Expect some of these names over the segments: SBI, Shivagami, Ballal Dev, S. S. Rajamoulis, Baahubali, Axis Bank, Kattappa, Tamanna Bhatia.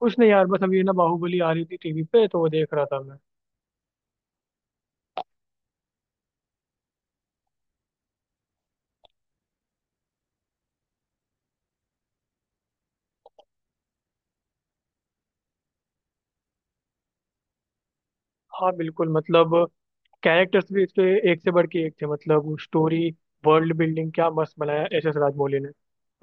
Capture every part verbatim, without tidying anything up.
कुछ नहीं यार, बस अभी ना बाहुबली आ रही थी टीवी पे, तो वो देख रहा था मैं। हाँ बिल्कुल, मतलब कैरेक्टर्स भी इसके एक से बढ़ के एक थे। मतलब स्टोरी, वर्ल्ड बिल्डिंग क्या मस्त बनाया एस एस राजमौली ने।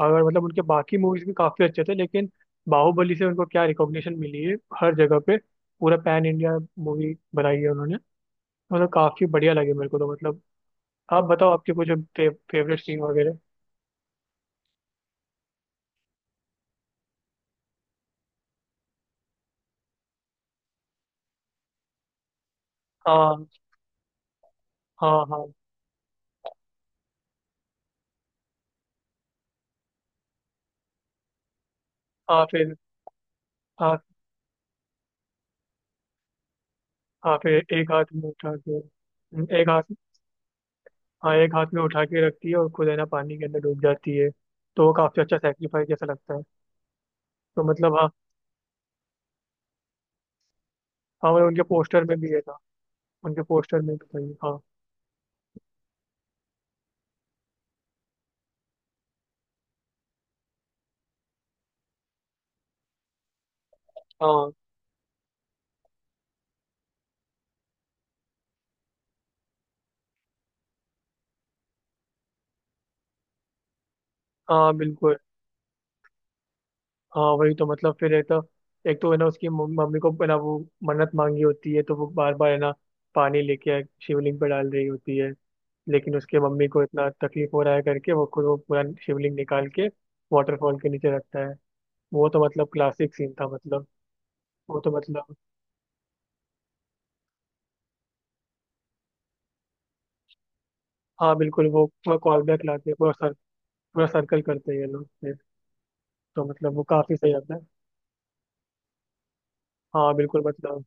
अगर मतलब उनके बाकी मूवीज भी काफी अच्छे थे, लेकिन बाहुबली से उनको क्या रिकॉग्निशन मिली है हर जगह पे। पूरा पैन इंडिया मूवी बनाई है उन्होंने। मतलब काफी बढ़िया लगी मेरे को, तो मतलब आप बताओ, आपके कुछ फे, फेवरेट सीन वगैरह। हाँ हाँ हाँ हाँ। फिर हाँ हाँ, फिर एक हाथ में उठा के, एक हाथ, हाँ, एक हाथ में उठा के रखती है और खुद है ना पानी के अंदर डूब जाती है। तो वो काफी अच्छा सेक्रीफाइस जैसा लगता है। तो मतलब हाँ, हाँ मतलब उनके पोस्टर में भी है था, उनके पोस्टर में भी था ये। हाँ हाँ, हाँ बिल्कुल। हाँ वही, तो मतलब फिर एक तो, एक तो है ना उसकी मम- मम्मी को है ना वो मन्नत मांगी होती है, तो वो बार बार है ना पानी लेके शिवलिंग पे डाल रही होती है। लेकिन उसके मम्मी को इतना तकलीफ हो रहा है करके, वो खुद वो पूरा शिवलिंग निकाल के वाटरफॉल के नीचे रखता है। वो तो मतलब क्लासिक सीन था मतलब। वो तो मतलब हाँ बिल्कुल, वो पूरा कॉल बैक लाते हैं, पूरा सर, पूरा सर्कल करते हैं ये लोग फिर। तो मतलब वो काफी सही आता है। हाँ बिल्कुल मतलब।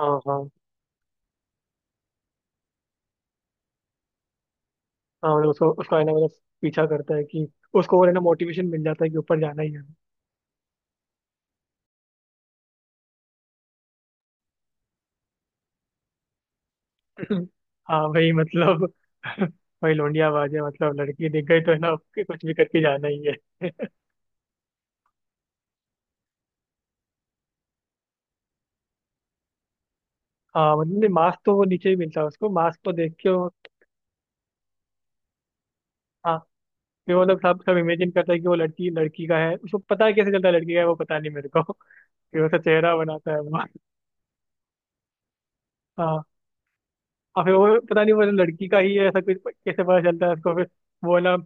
हाँ हाँ, हाँ मतलब उसको उसका है ना मतलब पीछा करता है कि उसको, और है ना मोटिवेशन मिल जाता है कि ऊपर जाना ही है। हाँ भाई मतलब। भाई लौंडियाबाज है, मतलब लड़की दिख गई तो है ना, उसके कुछ भी करके जाना ही है। हाँ मतलब नहीं, मास्क तो वो नीचे ही मिलता है उसको, मास्क तो देख के वो। हाँ, फिर वो लोग, सब सब इमेजिन करता है कि वो लड़की लड़की का है, उसको पता है, कैसे चलता है लड़की का है वो पता नहीं मेरे को। फिर उसका चेहरा बनाता है वो। हाँ, और फिर वो पता नहीं वो लड़की का ही है, ऐसा कुछ कैसे पता चलता है उसको। फिर वो ना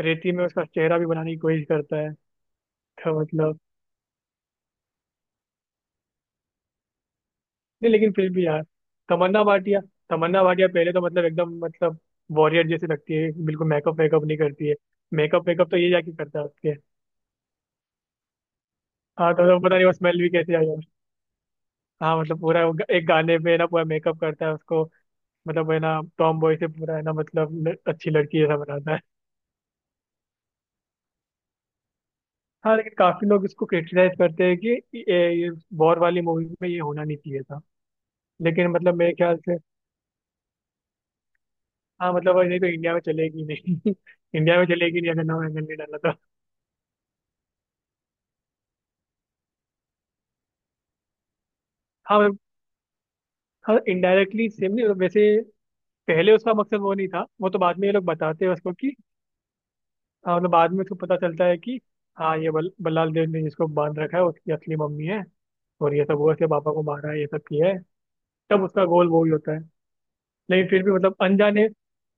रेती में उसका चेहरा भी बनाने की कोशिश करता है। तो मतलब नहीं, लेकिन फिर भी यार तमन्ना भाटिया, तमन्ना भाटिया पहले तो मतलब एकदम मतलब वॉरियर जैसी लगती है, बिल्कुल मेकअप वेकअप नहीं करती है। मेकअप वेकअप तो ये जाके करता है उसके। हाँ तो, तो पता नहीं वो स्मेल भी कैसे आई है। हाँ मतलब पूरा वो ग- एक गाने पे ना पूरा मेकअप करता है उसको। मतलब है ना टॉम बॉय से पूरा है ना, मतलब ल- अच्छी लड़की ऐसा बनाता है। हाँ लेकिन काफी लोग इसको क्रिटिसाइज करते हैं कि ये, ये वॉर वाली मूवी में ये होना नहीं चाहिए था। लेकिन मतलब मेरे ख्याल से, हाँ मतलब वो नहीं तो इंडिया में चलेगी नहीं। इंडिया में चलेगी नहीं अगर नौ एंगल नहीं डाला था। हाँ मतलब, हाँ इनडायरेक्टली सेम नहीं वैसे, पहले उसका मकसद वो नहीं था, वो तो बाद में ये लोग बताते हैं उसको कि। हाँ मतलब बाद में उसको पता चलता है कि हाँ ये बल, बल्लाल देव ने जिसको बांध रखा है उसकी असली मम्मी है, और ये सब वो से पापा को मारा है, ये सब किया है। तब उसका गोल वो ही होता है। लेकिन फिर भी मतलब अनजाने,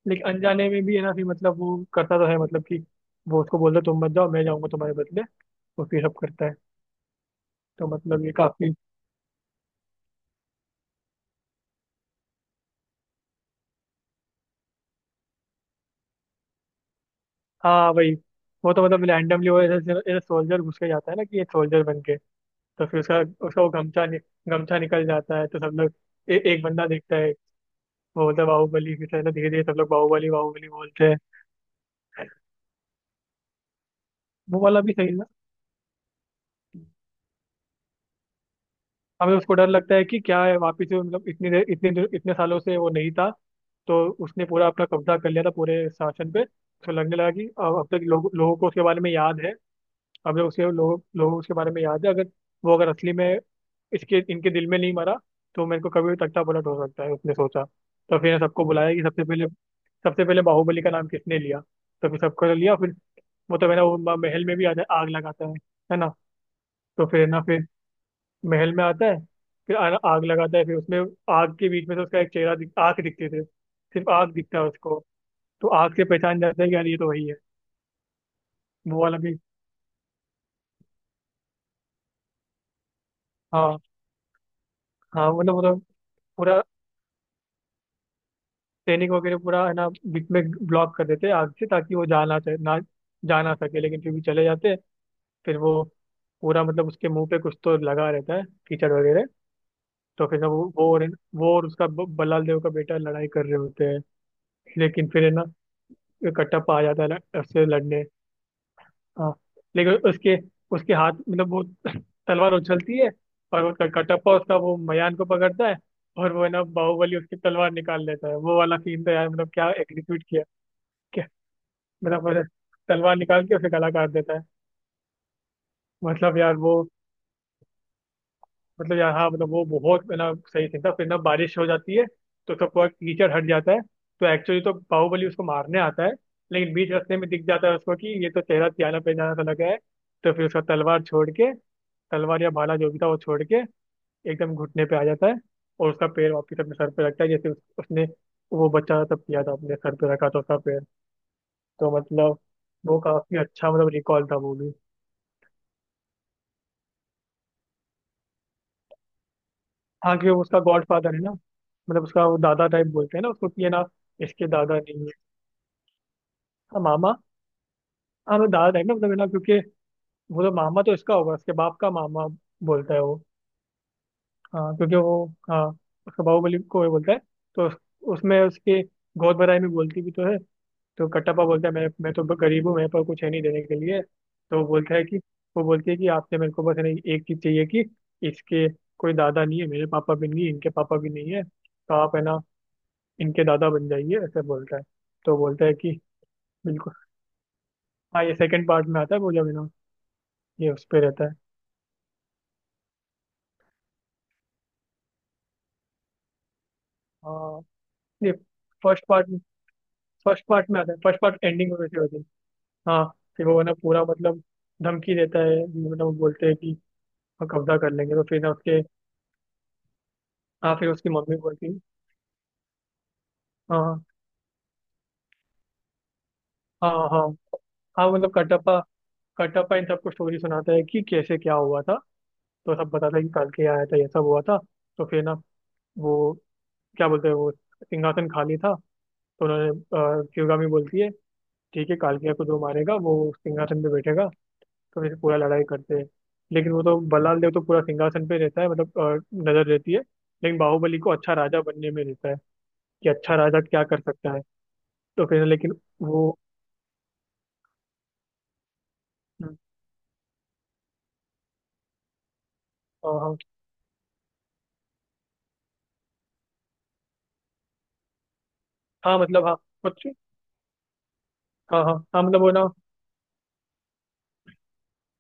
लेकिन अनजाने में भी है ना, फिर मतलब वो करता तो है मतलब कि वो उसको बोलता है, तुम मत जाओ, मैं जाऊंगा तुम्हारे बदले। वो फिर सब करता है। तो मतलब ये काफी हाँ वही। वो तो मतलब रैंडमली वो ऐसे सोल्जर घुस के जाता है ना कि ये सोल्जर बन के। तो फिर उसका, उसका वो गमछा नि, गमछा निकल जाता है, तो सब लोग, ए, एक बंदा देखता है, वो बोलता है बाहुबली। फिर धीरे धीरे सब लोग बाहुबली बाहुबली बोलते हैं। वो वाला भी सही था। हमें उसको डर लगता है कि क्या है वापिस से, मतलब इतनी देर, इतने देर- इतने सालों से वो नहीं था। तो उसने पूरा अपना कब्जा कर लिया था पूरे शासन पे। तो लगने लगा कि अब अब तक लोग, लोगों को उसके बारे में याद है। अब तक उसके लोग, लोगों को उसके बारे में याद है, अगर वो अगर असली में इसके, इनके दिल में नहीं मरा, तो मेरे को कभी भी तख्ता पलट हो सकता है, उसने सोचा। तो फिर सबको बुलाया कि सबसे पहले, सबसे पहले बाहुबली का नाम किसने लिया। तो फिर सबको लिया। फिर वो तो है ना, वो महल में भी आ- आग लगाता है है ना। तो फिर है ना, फिर महल में आता है, फिर आ- आग लगाता है फिर उसमें। आग के बीच में से उसका एक चेहरा दिख, आंख दिखती थी, सिर्फ आग दिखता है उसको। तो आग से पहचान जाता है कि यार ये तो वही है। वो वाला भी हाँ, हाँ मतलब मतलब पूरा सैनिक वगैरह, पूरा है ना बीच में ब्लॉक कर देते हैं आग से, ताकि वो जा ना चाहे ना, जा ना सके, लेकिन फिर भी चले जाते हैं। फिर वो पूरा, मतलब उसके मुंह पे कुछ तो लगा रहता है, कीचड़ वगैरह। तो फिर ना वो वो और, वो और उसका ब- बल्लाल देव का बेटा लड़ाई कर रहे होते हैं, लेकिन फिर है ना कटप्पा आ जाता है ल- उससे लड़ने। हाँ लेकिन उसके, उसके हाथ मतलब वो तलवार उछलती है, और वो क- कटप्पा उसका वो मयान को पकड़ता है, और वो है ना बाहुबली उसकी तलवार निकाल लेता है। वो वाला सीन तो यार, मतलब क्या एग्जीक्यूट किया, क्या! मतलब मतलब तलवार निकाल के उसे गला काट देता है। मतलब यार वो, मतलब यार हाँ मतलब वो बहुत है ना सही सीन था। फिर ना बारिश हो जाती है, तो उसका पूरा कीचड़ हट जाता है। तो एक्चुअली तो बाहुबली उसको मारने आता है, लेकिन बीच रास्ते में दिख जाता है उसको कि ये तो चेहरा त्याना पहचाना सा लगा है। तो फिर उसका तलवार छोड़ के, तलवार या भाला जो भी था वो छोड़ के, एकदम घुटने पे आ जाता है, और उसका पैर वापिस अपने सर पे रखता है, जैसे उस, उसने वो बच्चा तब किया था, अपने सर पे रखा था उसका पैर। तो मतलब वो काफी अच्छा मतलब रिकॉल था वो भी। हाँ क्योंकि उसका गॉड फादर है ना, मतलब उसका वो दादा टाइप बोलते हैं ना उसको कि है ना, इसके दादा नहीं है। हाँ मामा। हाँ मतलब दादा टाइप ना, मतलब है ना क्योंकि वो तो मामा तो इसका होगा, उसके बाप का मामा, बोलता है वो। हाँ क्योंकि वो, हाँ उसका बाहुबली को वो बोलता है। तो उस- उसमें उसके गोद भराई में बोलती भी तो है। तो कटप्पा बोलता है, मैं मैं तो गरीब हूँ, मेरे पास कुछ है नहीं देने के लिए। तो वो बोलता है कि, वो बोलती है कि आपसे मेरे को बस है ना एक चीज़ चाहिए कि इसके कोई दादा नहीं है, मेरे पापा भी नहीं है, इनके पापा भी नहीं है, तो आप है ना इनके दादा बन जाइए, ऐसे बोलता है। तो बोलता है कि बिल्कुल। हाँ ये सेकंड पार्ट में आता है वो जब है ना, ये उस पे रहता है। हाँ ये फर्स्ट पार्ट, फर्स्ट पार्ट में आता है, फर्स्ट पार्ट एंडिंग में वैसे होती है। हाँ फिर वो है ना पूरा मतलब धमकी देता है, मतलब वो बोलते हैं कि हम कब्जा कर लेंगे, तो फिर ना उसके, हाँ फिर उसकी मम्मी बोलती है। हाँ हाँ हाँ, हाँ मतलब कटप्पा, कटप्पा इन सबको स्टोरी सुनाता है कि कैसे क्या हुआ था। तो सब बताता है कि कल के आया था, ये सब हुआ था, तो फिर ना वो क्या बोलते हैं, वो सिंहासन खाली था। तो उन्होंने, अ, शिवगामी बोलती है ठीक है, कालकिया को जो मारेगा वो सिंहासन पे बैठेगा। तो फिर पूरा लड़ाई करते हैं, लेकिन वो तो बल्लाल देव तो पूरा सिंहासन पे रहता है, मतलब अ, नजर रहती है। लेकिन बाहुबली को अच्छा राजा बनने में रहता है कि अच्छा राजा क्या कर सकता है। तो फिर लेकिन वो, हाँ हाँ हाँ, मतलब हाँ हाँ हाँ हाँ मतलब वो ना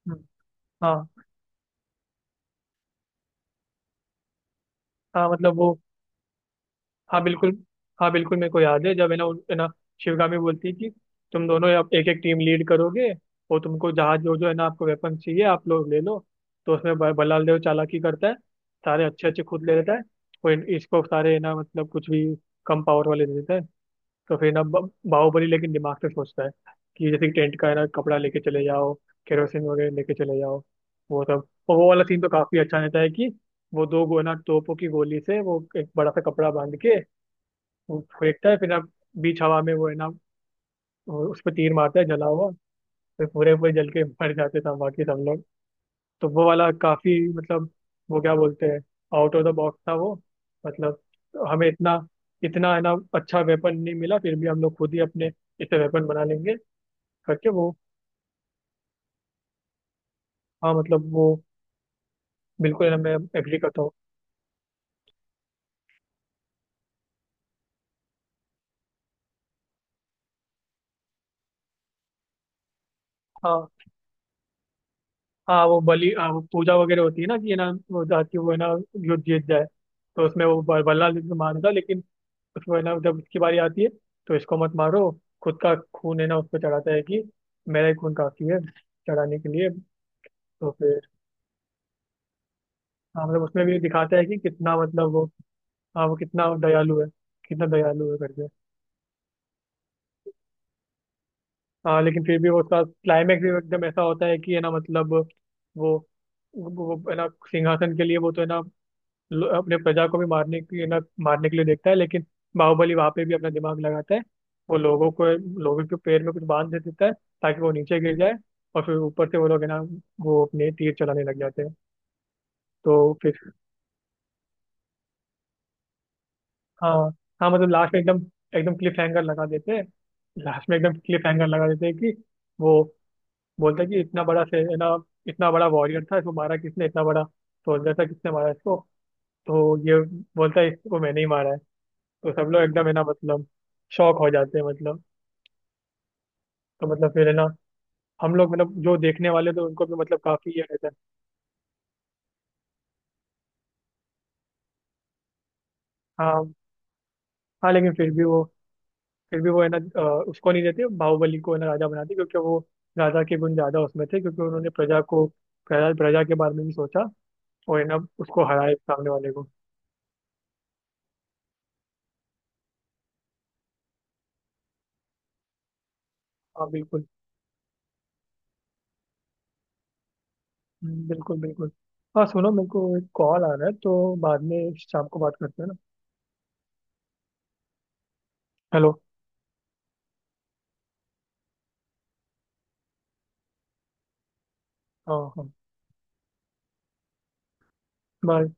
हम्म, हाँ हाँ मतलब वो हाँ बिल्कुल। हाँ बिल्कुल, मेरे को याद है जब है ना उन- है ना शिवगामी बोलती है कि तुम दोनों अब एक एक टीम लीड करोगे, और तुमको जहाँ जो जो है ना आपको वेपन चाहिए आप लोग ले लो। तो उसमें ब- बलाल देव चालाकी करता है, सारे अच्छे अच्छे खुद ले लेता है, और इन- इसको सारे है ना मतलब कुछ भी कम पावर वाले दे देता है। तो फिर ना ब- बाहुबली लेकिन दिमाग से सोचता है कि जैसे कि टेंट का है ना कपड़ा लेके चले जाओ, केरोसिन वगैरह लेके चले जाओ, वो सब। और वो वाला सीन तो काफी अच्छा रहता है कि वो दो गो ना तोपों की गोली से वो एक बड़ा सा कपड़ा बांध के वो फेंकता है। फिर ना बीच हवा में वो है ना, वो उस पर तीर मारता है जला हुआ। फिर पूरे पूरे जल के मर जाते सब, बाकी सब लोग। तो वो वाला काफी मतलब वो क्या बोलते हैं, आउट ऑफ द बॉक्स था वो, मतलब हमें इतना, इतना है ना अच्छा वेपन नहीं मिला फिर भी हम लोग खुद ही अपने इसे वेपन बना लेंगे करके वो। हाँ मतलब वो बिल्कुल है ना, मैं एग्री करता हूँ। हाँ हाँ वो बलि, हाँ वो पूजा वगैरह होती है ना, कि है ना वो जाके वो है ना युद्ध जीत जाए। तो उसमें वो ब- बल्ला लेके मारता, लेकिन उसको है ना जब उसकी बारी आती है, तो इसको मत मारो, खुद का खून है ना उसको चढ़ाता है कि मेरा ही खून काफी है चढ़ाने के लिए। तो फिर हाँ मतलब उसमें भी दिखाता है कि कितना मतलब वो, हाँ वो कितना दयालु है, कितना दयालु है करके। हाँ लेकिन फिर भी वो उसका क्लाइमैक्स भी एकदम ऐसा होता है कि है ना मतलब वो वो वो है ना सिंहासन के लिए वो तो है ना ल- अपने प्रजा को भी मारने की है ना, मारने के लिए देखता है। लेकिन बाहुबली वहाँ पे भी अपना दिमाग लगाता है, वो लोगों को, लोगों के पैर में कुछ बांध दे देता है ताकि वो नीचे गिर जाए। और फिर ऊपर से वो लोग है ना वो अपने तीर चलाने लग जाते हैं। तो फिर हाँ हाँ, मतलब लास्ट में एकदम, एकदम क्लिफ हैंगर लगा देते हैं। लास्ट में एकदम क्लिफ हैंगर लगा देते हैं कि वो बोलता है कि इतना बड़ा से है ना, इतना बड़ा वॉरियर था, इसको मारा किसने, इतना बड़ा सोल्जर था किसने मारा इसको। तो ये बोलता है इसको मैंने ही मारा है। तो सब लोग एकदम है ना मतलब शॉक हो जाते हैं मतलब। तो मतलब फिर है ना हम लोग मतलब जो देखने वाले थे उनको भी मतलब काफी ये रहता है। हाँ हाँ लेकिन फिर भी वो, फिर भी वो है ना अ, उसको नहीं देते बाहुबली को है ना राजा बनाते क्योंकि वो, राजा के गुण ज्यादा उसमें थे, क्योंकि उन्होंने प्रजा को, प्रजा प्रजा के बारे में भी सोचा, और है ना उसको हराए सामने वाले को। हाँ बिल्कुल। हम्म, बिल्कुल बिल्कुल। हाँ सुनो, मेरे को एक कॉल आ रहा है, तो बाद में शाम को बात करते हैं ना। हेलो। हाँ हाँ। बाय।